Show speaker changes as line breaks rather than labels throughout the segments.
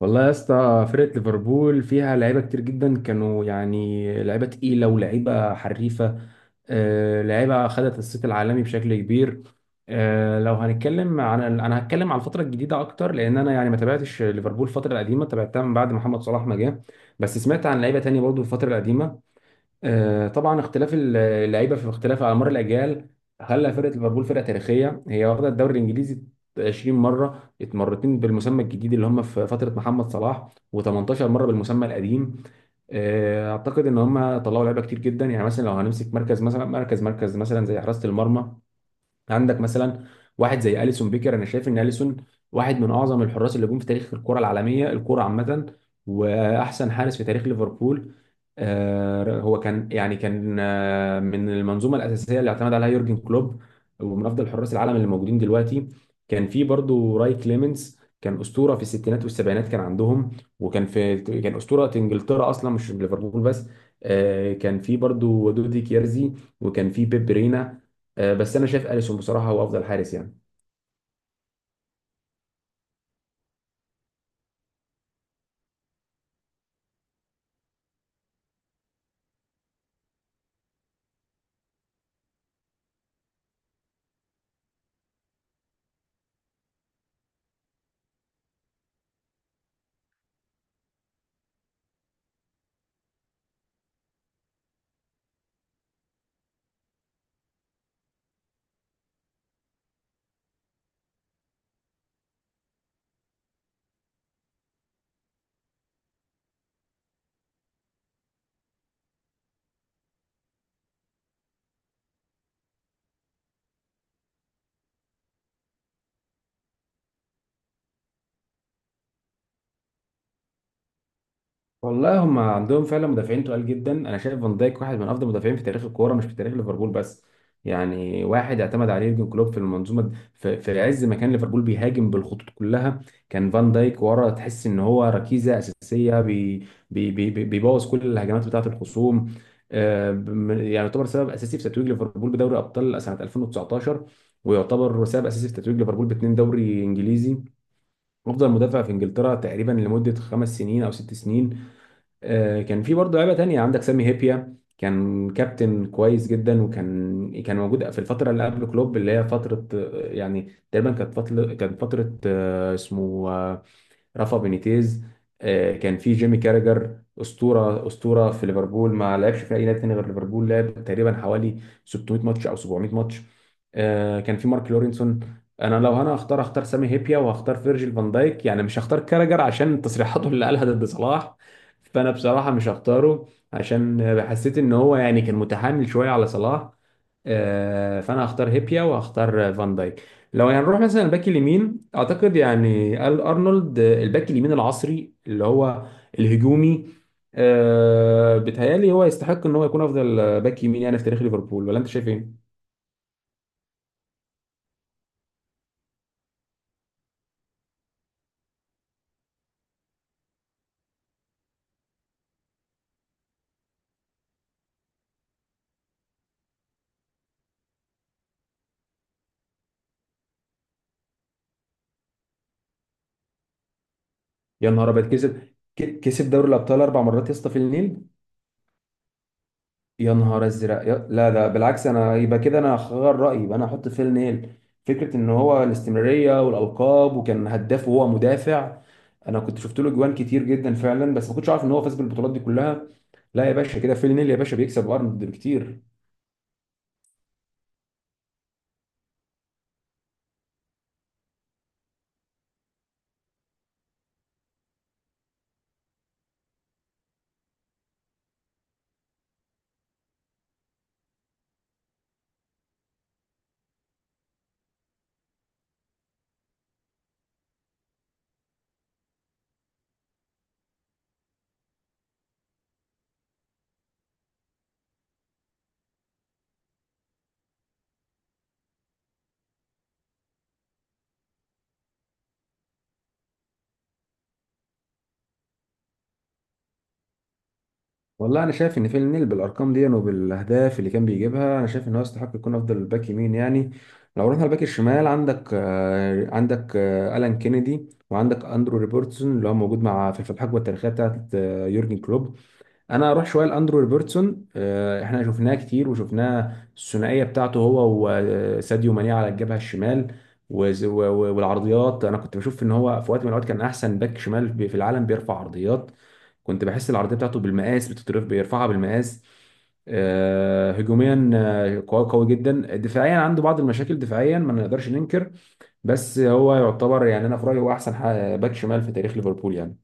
والله يا اسطى، فرقة ليفربول فيها لعيبة كتير جدا. كانوا يعني لعيبة تقيلة ولعيبة حريفة. لعيبة خدت الصيت العالمي بشكل كبير. لو هنتكلم عن انا هتكلم عن الفترة الجديدة اكتر، لان انا يعني ما تابعتش ليفربول الفترة القديمة، تابعتها من بعد محمد صلاح ما جه. بس سمعت عن لعيبة تانية برضو في الفترة القديمة. طبعا اختلاف اللعيبه في اختلاف على مر الاجيال خلى فرقه ليفربول فرقه تاريخيه. هي واخده الدوري الانجليزي 20 مره، اتمرتين بالمسمى الجديد اللي هم في فتره محمد صلاح، و18 مره بالمسمى القديم. اعتقد ان هم طلعوا لعيبه كتير جدا. يعني مثلا لو هنمسك مركز، مثلا مركز مثلا زي حراسه المرمى، عندك مثلا واحد زي اليسون بيكر. انا شايف ان اليسون واحد من اعظم الحراس اللي جم في تاريخ الكره العالميه، الكره عامه، واحسن حارس في تاريخ ليفربول. هو كان يعني كان من المنظومه الاساسيه اللي اعتمد عليها يورجن كلوب، ومن افضل حراس العالم اللي موجودين دلوقتي. كان في برضو راي كليمنز، كان اسطوره في الستينات والسبعينات كان عندهم. وكان في كان اسطوره انجلترا اصلا، مش ليفربول بس. كان في برضو دودي كيرزي، وكان في بيب رينا. بس انا شايف اليسون بصراحه هو افضل حارس يعني. والله هم عندهم فعلا مدافعين تقال جدا. انا شايف فان دايك واحد من افضل المدافعين في تاريخ الكوره، مش في تاريخ ليفربول بس. يعني واحد اعتمد عليه يورجن كلوب في المنظومه في عز ما كان ليفربول بيهاجم بالخطوط كلها، كان فان دايك ورا. تحس ان هو ركيزه اساسيه، بيبوظ كل الهجمات بتاعه الخصوم. يعني يعتبر سبب اساسي في تتويج ليفربول بدوري ابطال سنه 2019، ويعتبر سبب اساسي في تتويج ليفربول باتنين دوري انجليزي. افضل مدافع في انجلترا تقريبا لمده 5 سنين او 6 سنين. كان في برضه لعيبه تانية. عندك سامي هيبيا، كان كابتن كويس جدا، وكان موجود في الفتره اللي قبل كلوب، اللي هي فتره يعني تقريبا كانت فتره اسمه رافا بينيتيز. كان في جيمي كاراجر، اسطوره في ليفربول، ما لعبش في اي نادي تاني غير ليفربول، لعب تقريبا حوالي 600 ماتش او 700 ماتش. كان في مارك لورينسون. انا لو هختار سامي هيبيا وهختار فيرجيل فان دايك، يعني مش هختار كاراجر عشان تصريحاته اللي قالها ضد صلاح. فانا بصراحه مش هختاره، عشان حسيت ان هو يعني كان متحامل شويه على صلاح. فانا هختار هيبيا وهختار فان دايك. لو هنروح مثلا الباك اليمين، اعتقد يعني ال ارنولد، الباك اليمين العصري اللي هو الهجومي، آه بيتهيألي هو يستحق ان هو يكون افضل باك يمين يعني في تاريخ ليفربول، ولا انت شايف ايه؟ يا نهار ابيض، كسب؟ كسب دوري الابطال 4 مرات يا اسطى في النيل؟ يا نهار ازرق. لا ده بالعكس، انا يبقى كده انا هغير رايي، يبقى انا هحط فيل نيل. فكره ان هو الاستمراريه والالقاب، وكان هداف وهو مدافع. انا كنت شفت له جوان كتير جدا فعلا، بس ما كنتش عارف ان هو فاز بالبطولات دي كلها. لا يا باشا، كده فيل نيل يا باشا بيكسب ارنولد بكتير. والله انا شايف ان فيل نيل بالارقام دي وبالاهداف اللي كان بيجيبها، انا شايف ان هو يستحق يكون افضل باك يمين يعني. لو رحنا الباك الشمال، عندك عندك الان كينيدي، وعندك اندرو روبرتسون اللي هو موجود مع في الحقبه التاريخيه بتاعت يورجن كلوب. انا اروح شويه لاندرو روبرتسون. احنا شفناه كتير، وشفناه الثنائيه بتاعته هو وساديو ماني على الجبهه الشمال والعرضيات. انا كنت بشوف ان هو في وقت من الاوقات كان احسن باك شمال في العالم بيرفع عرضيات. كنت بحس العرضيه بتاعته بالمقاس، بتترف بيرفعها بالمقاس. هجوميا قوي قوي جدا. دفاعيا عنده بعض المشاكل دفاعيا، ما نقدرش ننكر. بس هو يعتبر يعني انا في رايي هو احسن باك شمال في تاريخ ليفربول يعني.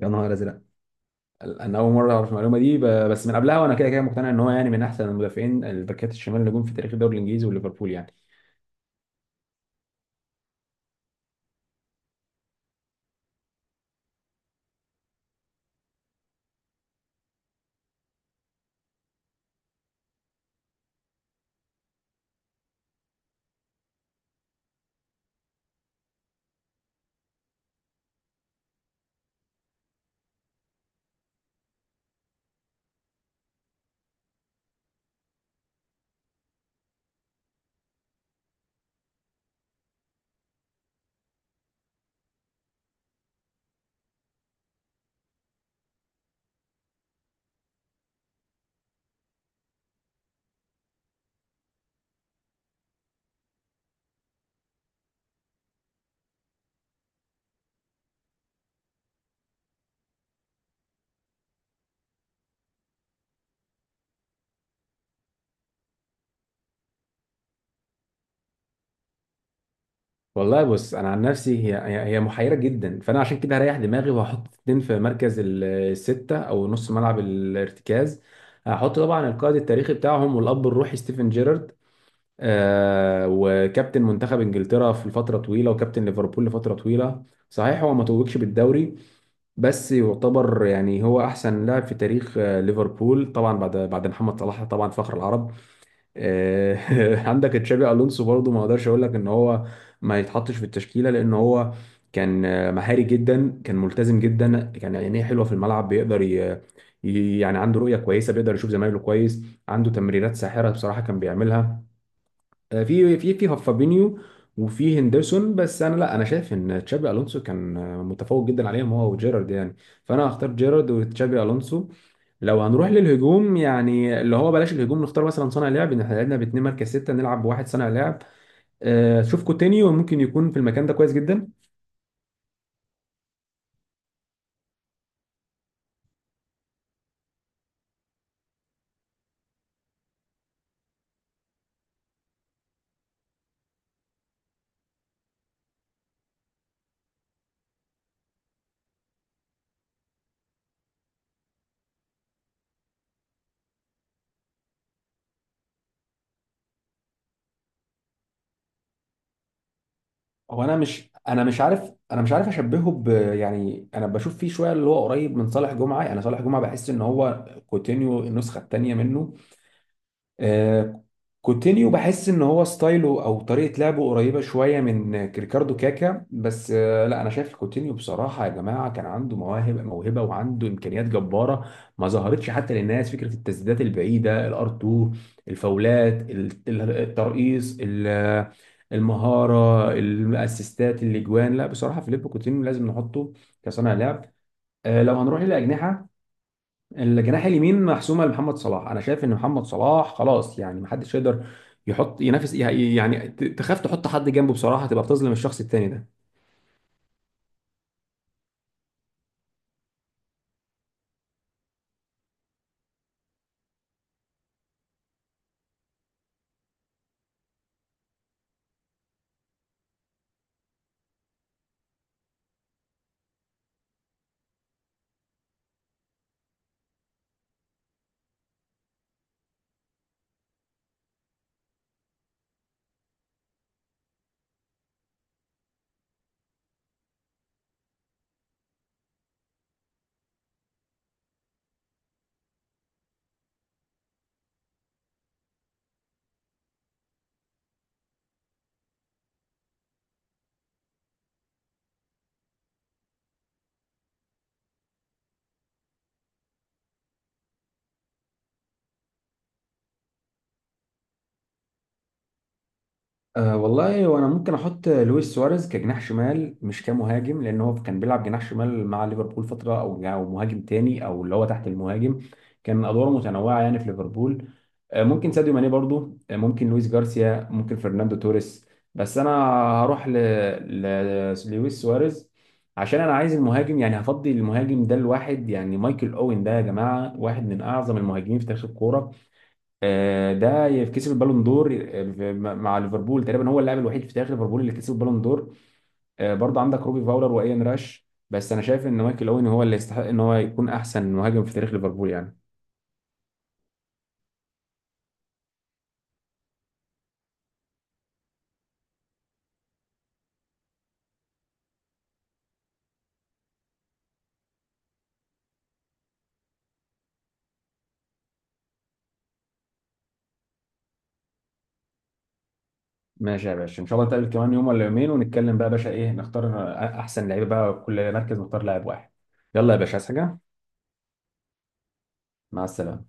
يا نهار ازرق. انا اول مره اعرف المعلومه دي. بس من قبلها وانا كده كده مقتنع ان هو يعني من احسن المدافعين الباكات الشمال اللي جم في تاريخ الدوري الانجليزي وليفربول يعني. والله بص، انا عن نفسي هي محيره جدا. فانا عشان كده هريح دماغي وهحط اتنين في مركز السته او نص ملعب الارتكاز. هحط طبعا القائد التاريخي بتاعهم والاب الروحي ستيفن جيرارد، آه وكابتن منتخب انجلترا في فتره طويله، وكابتن ليفربول لفتره طويله. صحيح هو ما توجش بالدوري، بس يعتبر يعني هو احسن لاعب في تاريخ ليفربول، طبعا بعد محمد صلاح طبعا، فخر العرب. عندك تشابي الونسو برضو، ما اقدرش اقول لك ان هو ما يتحطش في التشكيله، لان هو كان مهاري جدا، كان ملتزم جدا، كان عينيه حلوه في الملعب، بيقدر يعني عنده رؤيه كويسه، بيقدر يشوف زمايله كويس، عنده تمريرات ساحره بصراحه كان بيعملها. في فابينيو وفي هندرسون. بس انا لا، انا شايف ان تشابي الونسو كان متفوق جدا عليهم هو وجيرارد يعني. فانا هختار جيرارد وتشابي الونسو. لو هنروح للهجوم، يعني اللي هو بلاش الهجوم، نختار مثلا صانع لعب، ان احنا لعبنا باتنين مركز ستة، نلعب بواحد صانع لعب. شوف كوتينيو ممكن يكون في المكان ده كويس جدا. هو انا مش عارف، انا مش عارف اشبهه ب. يعني انا بشوف فيه شويه اللي هو قريب من صالح جمعه، يعني صالح جمعه بحس ان هو كوتينيو النسخه الثانيه منه. آه، كوتينيو بحس ان هو ستايله او طريقه لعبه قريبه شويه من ريكاردو كاكا، بس لا انا شايف كوتينيو بصراحه يا جماعه كان عنده مواهب، موهبه وعنده امكانيات جباره ما ظهرتش حتى للناس. فكره التسديدات البعيده الار 2، الفاولات الترقيص، المهاره، الاسيستات، الاجوان. لا بصراحه فيليب كوتينيو لازم نحطه كصانع لعب. لو هنروح للاجنحه، الجناح اليمين محسومه لمحمد صلاح. انا شايف ان محمد صلاح خلاص، يعني محدش يقدر يحط ينافس، يعني تخاف تحط حد جنبه بصراحه، تبقى بتظلم الشخص التاني ده. أه والله، وانا ممكن احط لويس سواريز كجناح شمال، مش كمهاجم، لان هو كان بيلعب جناح شمال مع ليفربول فتره، او مهاجم تاني، او اللي هو تحت المهاجم. كان ادواره متنوعه يعني في ليفربول. أه ممكن ساديو ماني برضو، أه ممكن لويس جارسيا، ممكن فرناندو توريس. بس انا هروح لويس سواريز. عشان انا عايز المهاجم، يعني هفضي المهاجم ده لواحد. يعني مايكل اوين ده يا جماعه واحد من اعظم المهاجمين في تاريخ الكوره. ده كسب البالون دور مع ليفربول. تقريبا هو اللاعب الوحيد في تاريخ ليفربول اللي كسب البالون دور. برضه عندك روبي فاولر وايان راش، بس انا شايف ان مايكل اوين هو اللي يستحق ان هو يكون احسن مهاجم في تاريخ ليفربول يعني. ماشي يا باشا، ان شاء الله نتقابل كمان يوم ولا يومين ونتكلم بقى يا باشا، ايه نختار احسن لعيبه، بقى كل مركز نختار لاعب واحد. يلا يا باشا، عايز حاجه؟ مع السلامه.